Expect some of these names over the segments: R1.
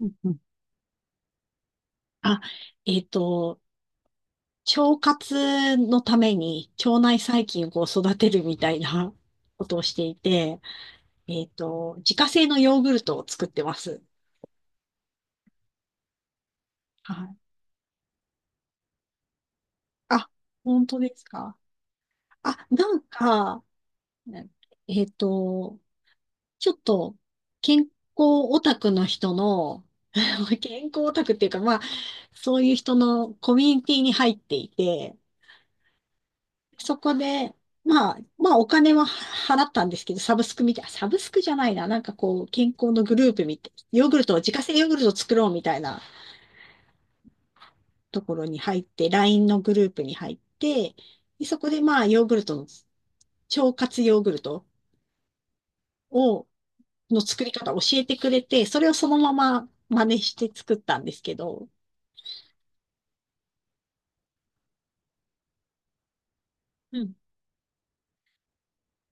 うんうん。あ、えっと、腸活のために腸内細菌をこう育てるみたいなことをしていて、自家製のヨーグルトを作ってます。はい。あ、本当ですか？あ、なんか、ね。えっと、ちょっと健康オタクの人の、健康オタクっていうか、まあ、そういう人のコミュニティに入っていて、そこで、まあ、まあお金は払ったんですけど、サブスクじゃないな、なんかこう、健康のグループみたい、ヨーグルトを、自家製ヨーグルトを作ろうみたいなところに入って、LINE のグループに入って、でそこでまあヨーグルトの、腸活ヨーグルトを、の作り方を教えてくれて、それをそのまま真似して作ったんですけど、うん。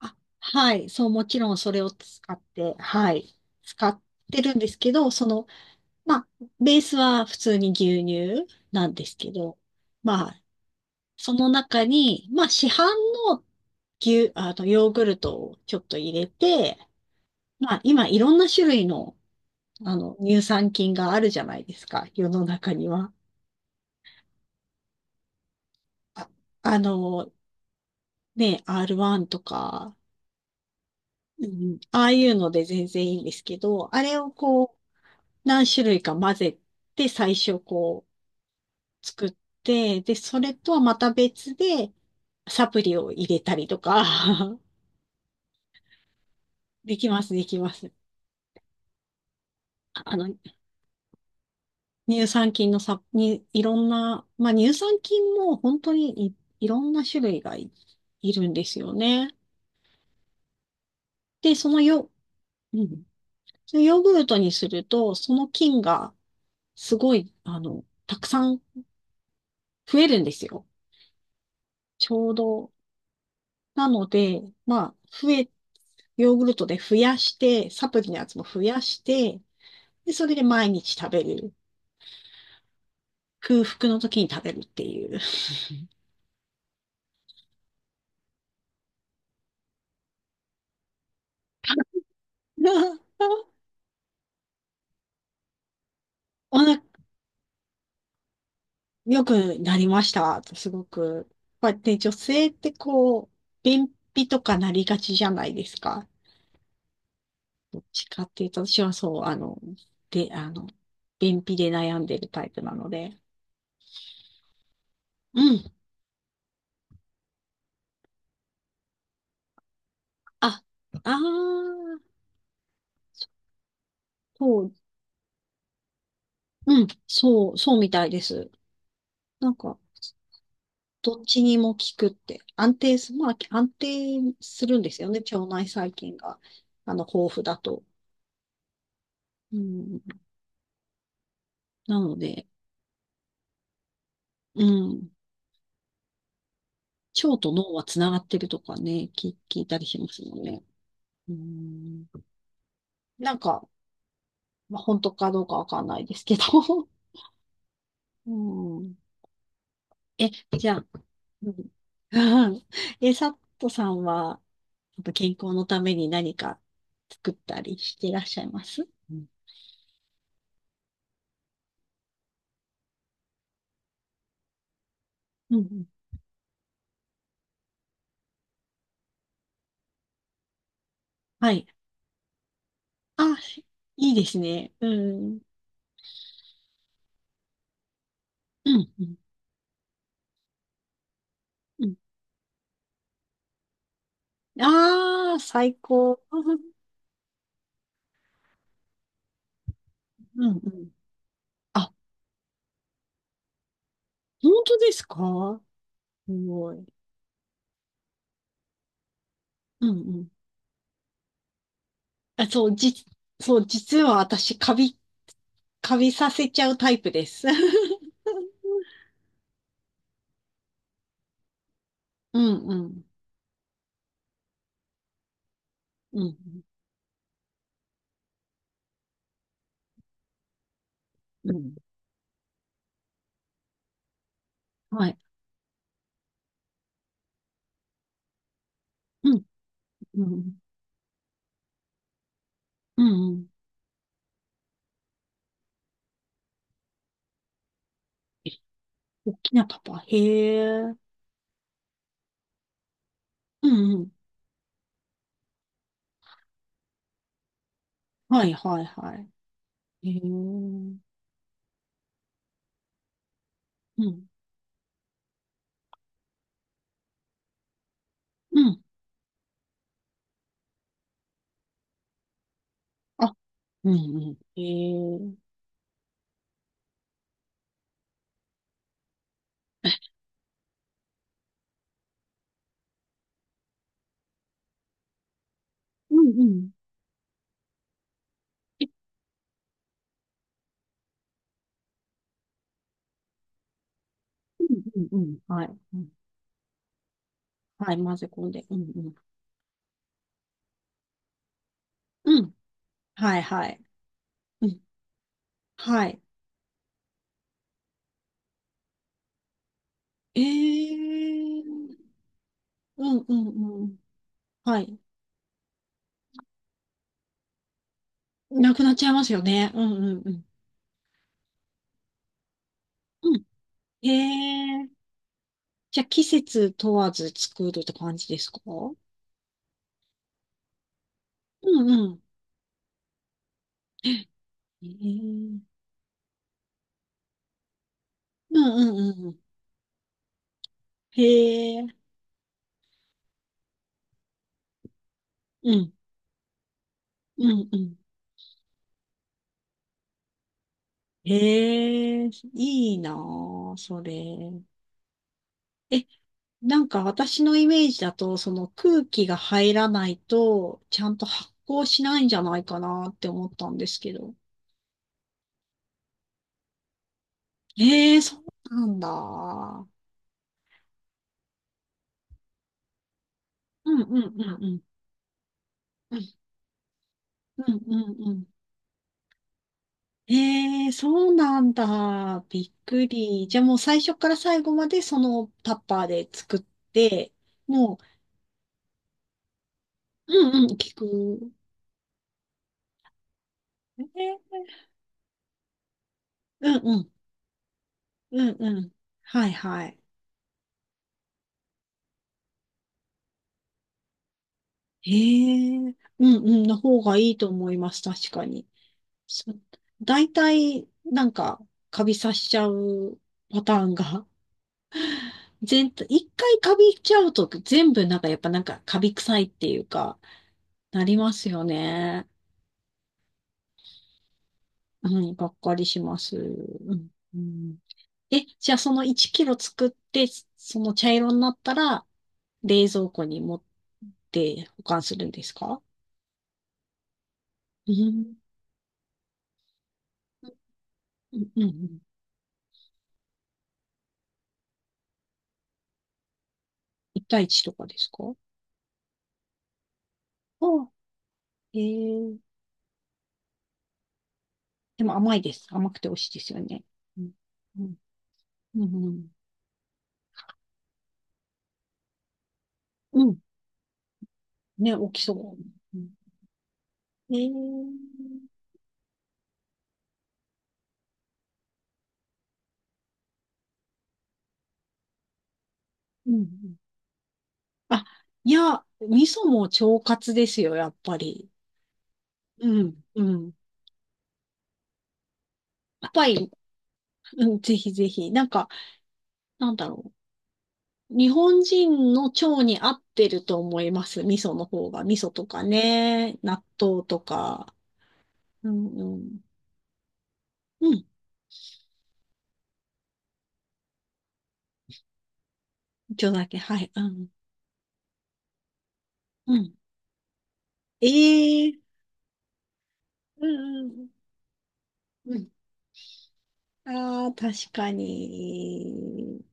あ、はい、そう、もちろんそれを使って、はい、使ってるんですけど、その、まあ、ベースは普通に牛乳なんですけど、まあ、その中に、まあ、市販の牛、あの、ヨーグルトをちょっと入れて、まあ、今いろんな種類の、あの、乳酸菌があるじゃないですか、世の中には。あ、あの、ね、R1 とか、うん、ああいうので全然いいんですけど、あれをこう、何種類か混ぜて、最初こう、作って、で、それとはまた別で、サプリを入れたりとか、できます、できます。あの、乳酸菌も本当にいろんな種類がいるんですよね。で、そのヨ、うん、そのヨーグルトにすると、その菌がすごい、あの、たくさん増えるんですよ。ちょうど。なので、まあ、増え、ヨーグルトで増やして、サプリのやつも増やして、で、それで毎日食べる。空腹の時に食べるっていう。お腹良くなりました。すごく。こうやって女性ってこう、便秘とかなりがちじゃないですか。どっちかっていうと、私はそう、あの、で、あの、便秘で悩んでるタイプなので。うん。あ、あー、そう、うん、そう、そうみたいです。なんか、どっちにも効くって。安定す、まあ、安定するんですよね。腸内細菌が、あの、豊富だと。うん、なので、うん。腸と脳はつながってるとかね、聞いたりしますもんね。うん。なんか、まあ、本当かどうかわかんないですけど。うん。え、じゃあ、うん。うんえじゃあうんえサットさんは、やっぱ健康のために何か作ったりしていらっしゃいますうん。うんうん、はい。あ、いいですね。うん。うん。うん。うん。ああー、最高。うん。うん。あ、本当ですか？すごい。うんうん。あ、そう、じ、そう、実は私、カビさせちゃうタイプです。うん、うん、うん、うん。はい。うん、うん、うん、うん。大きなパパ。へえ。うん、うん。はい、はい、はい。へえ。うん、うん。あ、うん、うん。へえ。うん、うん。え、うん、うん、うん。はい。うん。はい、混ぜ込んで。うん、うん。うん。はい、はい。うん。はい。ええ。うん、うん、うん。はい。なくなっちゃいますよね。うんうんうん。うん。へえ。じゃあ季節問わず作るって感じですか？うん。うん。へえ。うんうんうん。へえ。うん。うんうん。へえ。いいなあ、それ。え、なんか私のイメージだと、その空気が入らないと、ちゃんと発酵しないんじゃないかなって思ったんですけど。へえ、そうなんだ。うんうんうんうん。うんうんうんうん。ええ、そうなんだ。びっくり。じゃあもう最初から最後までそのタッパーで作って、もう、うんうん、聞く。ええ、うんうん、うんうん。はいはい。ええ、うんうん、の方がいいと思います。確かに。そ、大体、なんか、カビさしちゃうパターンが、全体、一回カビちゃうと全部なんかやっぱなんかカビ臭いっていうか、なりますよね。はい、がっかりします。うん、うん。え、じゃあその1キロ作って、その茶色になったら、冷蔵庫に持って保管するんですか？うん。うん、うん。1対1とかですか？あ、えー、でも甘いです。甘くて美味しいですよね。うん、うん、うん。うんうん。ね、大きそう。うん、えー、うん。うん。あ、いや、味噌も腸活ですよ、やっぱり。うん、うん。パパイヤ。うん、ぜひぜひ。なんか、なんだろう。日本人の腸に合ってると思います。味噌の方が。味噌とかね、納豆とか。うんうん。うん。一応だけ。はい。うん。うん。ええー。うんうん。うん。ああ、確かに。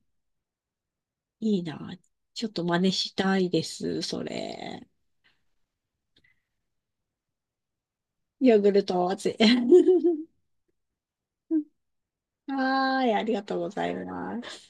いいな。ちょっと真似したいです、それ。ヨーグルト味。はーい、ありがとうございます。